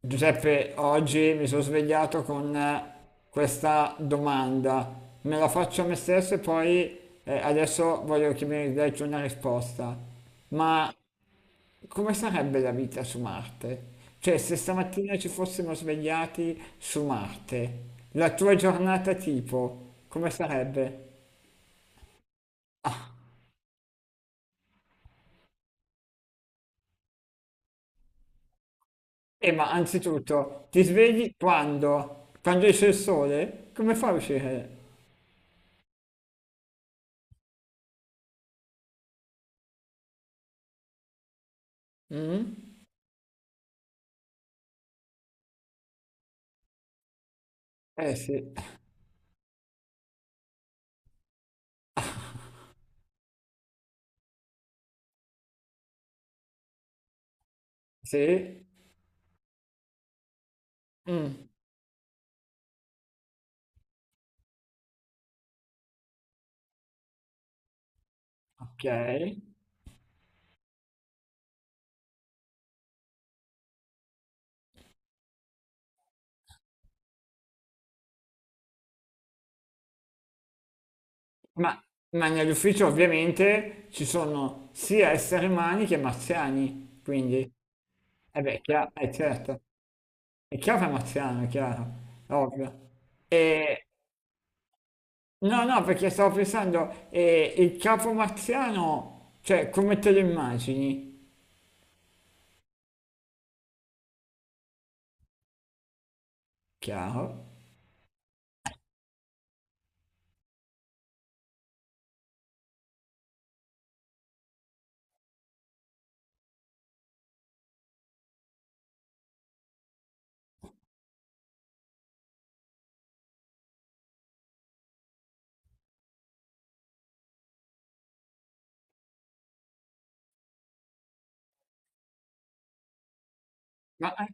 Giuseppe, oggi mi sono svegliato con questa domanda. Me la faccio a me stesso e poi adesso voglio che mi dai tu una risposta. Ma come sarebbe la vita su Marte? Cioè, se stamattina ci fossimo svegliati su Marte, la tua giornata tipo, come sarebbe? E ma anzitutto, ti svegli quando? Quando esce il sole? Come fai a uscire? Mm? Eh sì. Sì. Mm. Ok. Ma, ma nell'ufficio ovviamente ci sono sia esseri umani che marziani, quindi, eh beh, chiaro, è certo, è chiaro che è marziano, è chiaro, è ovvio. E. No, no, perché stavo pensando, il capo marziano, cioè, come te lo immagini? Chiaro. Ma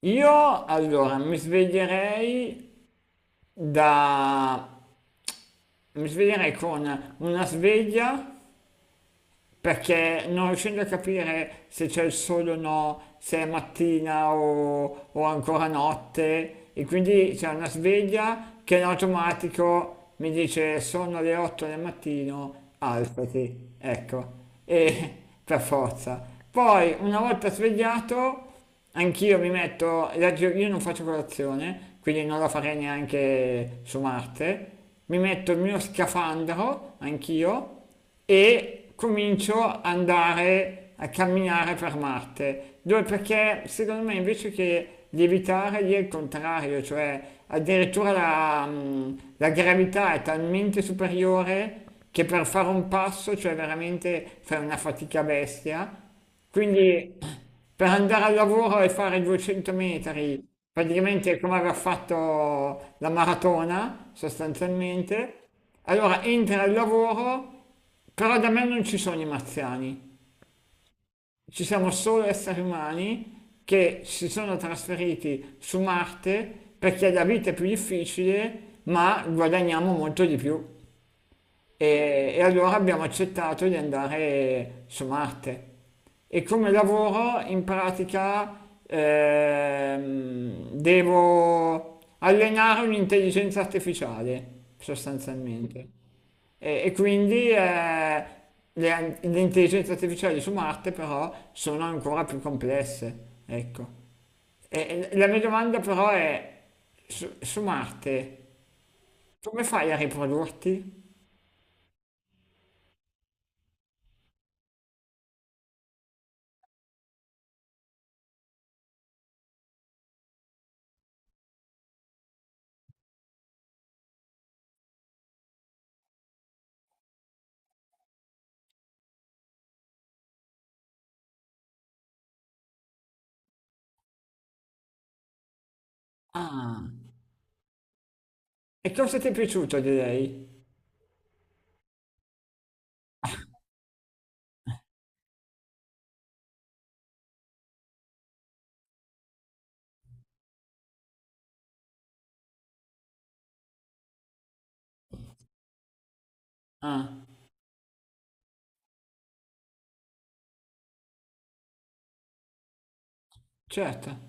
io, allora, mi sveglierei da... mi sveglierei con una sveglia perché non riuscendo a capire se c'è il sole o no, se è mattina o ancora notte, e quindi c'è una sveglia che in automatico mi dice sono le 8 del mattino, alzati, ecco, e per forza. Poi una volta svegliato, anch'io mi metto, io non faccio colazione, quindi non la farei neanche su Marte, mi metto il mio scafandro, anch'io, e comincio ad andare a camminare per Marte. Dove? Perché secondo me invece che di evitare lì è il contrario, cioè addirittura la gravità è talmente superiore che per fare un passo, cioè veramente fai una fatica bestia. Quindi per andare al lavoro e fare 200 metri, praticamente è come aveva fatto la maratona, sostanzialmente, allora entra il lavoro, però da me non ci sono i marziani, ci siamo solo esseri umani che si sono trasferiti su Marte perché la vita è più difficile, ma guadagniamo molto di più. E allora abbiamo accettato di andare su Marte. E come lavoro in pratica devo allenare un'intelligenza artificiale, sostanzialmente. E quindi le intelligenze artificiali su Marte però sono ancora più complesse, ecco. E la mia domanda però è, su Marte, come fai a riprodurti? Ah. E cosa ti è piaciuto di lei? Ah, certo.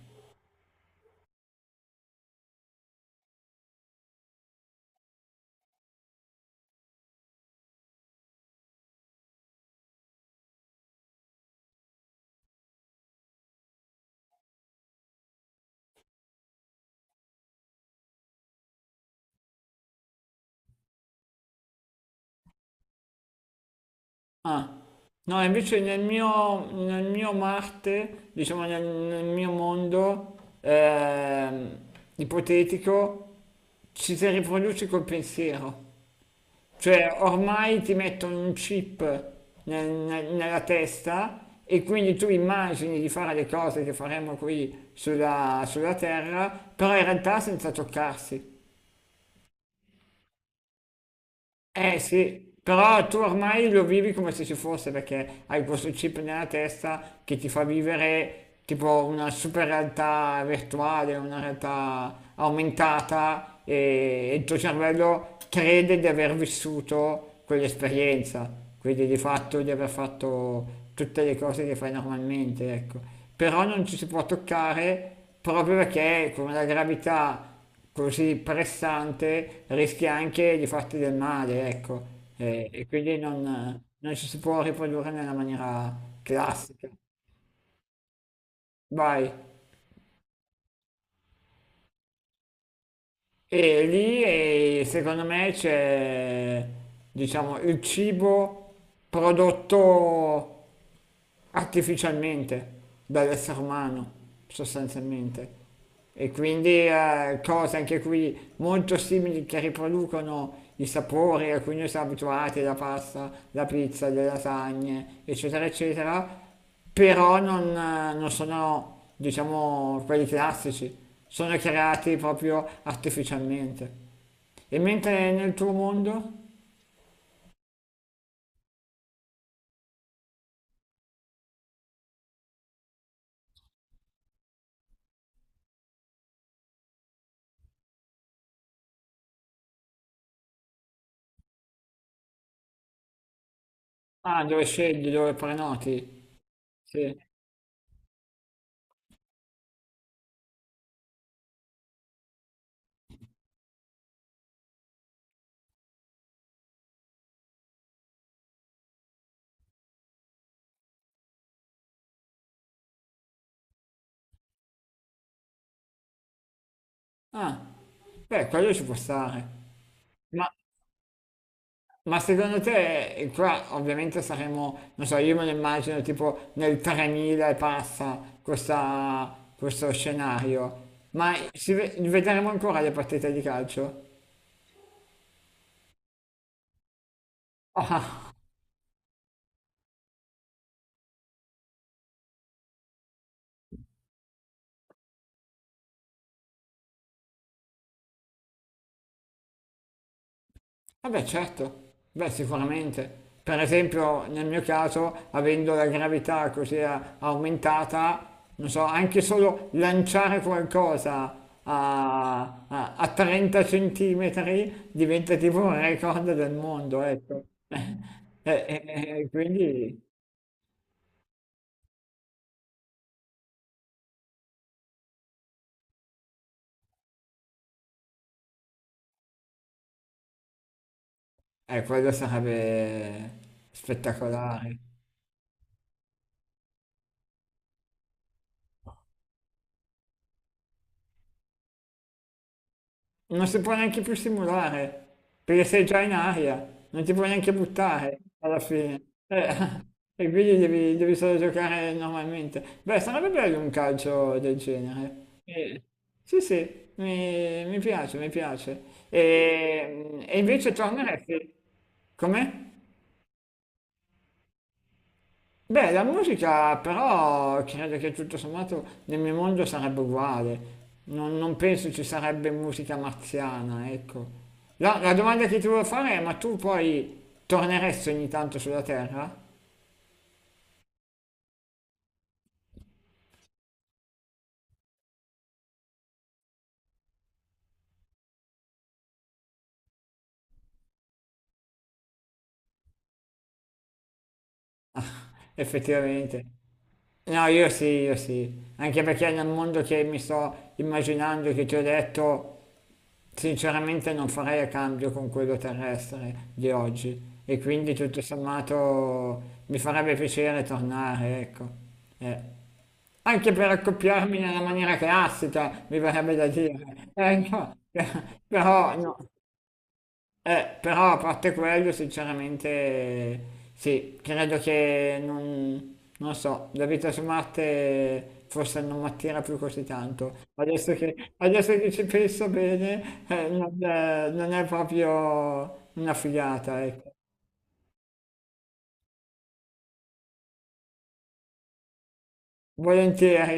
Ah. No, invece nel mio Marte, diciamo nel mio mondo ehm, ipotetico, ci si riproduce col pensiero. Cioè, ormai ti mettono un chip nella testa e quindi tu immagini di fare le cose che faremo qui sulla Terra, però in realtà senza toccarsi. Eh sì, però tu ormai lo vivi come se ci fosse perché hai questo chip nella testa che ti fa vivere tipo una super realtà virtuale, una realtà aumentata e il tuo cervello crede di aver vissuto quell'esperienza, quindi di fatto di aver fatto tutte le cose che fai normalmente, ecco. Però non ci si può toccare proprio perché con la gravità così pressante rischi anche di farti del male, ecco, e quindi non ci si può riprodurre nella maniera classica. Vai. E lì secondo me c'è, diciamo, il cibo prodotto artificialmente dall'essere umano, sostanzialmente. E quindi cose anche qui molto simili che riproducono i sapori a cui noi siamo abituati, la pasta, la pizza, le lasagne, eccetera, eccetera, però non sono, diciamo, quelli classici, sono creati proprio artificialmente. E mentre nel tuo mondo? Ah, dove scegli, dove prenoti? Sì. Ah, beh, quello ci può stare. Ma Ma secondo te, e qua ovviamente saremo, non so, io me lo immagino tipo nel 3000 e passa questo scenario, ma si vedremo ancora le partite di calcio? Vabbè, certo, beh, sicuramente. Per esempio, nel mio caso, avendo la gravità così aumentata, non so, anche solo lanciare qualcosa a 30 centimetri diventa tipo un record del mondo, ecco. E, e- e quindi, quello sarebbe spettacolare. Non si può neanche più simulare, perché sei già in aria, non ti puoi neanche buttare alla fine. E quindi devi solo giocare normalmente. Beh, sarebbe bello un calcio del genere. Sì, sì, mi piace, mi piace. E invece torneresti? Com'è? Beh, la musica però credo che tutto sommato nel mio mondo sarebbe uguale. Non penso ci sarebbe musica marziana, ecco. La domanda che ti volevo fare è, ma tu poi torneresti ogni tanto sulla Terra? Effettivamente. No, io sì, io sì. Anche perché nel mondo che mi sto immaginando, che ti ho detto, sinceramente non farei a cambio con quello terrestre di oggi. E quindi tutto sommato mi farebbe piacere tornare, ecco. Eh. Anche per accoppiarmi nella maniera classica, mi verrebbe da dire. No, però, no. Però a parte quello, sinceramente, sì, credo che non so, la vita su Marte forse non mi attira più così tanto. Adesso che ci penso bene, non è proprio una figata, ecco. Volentieri.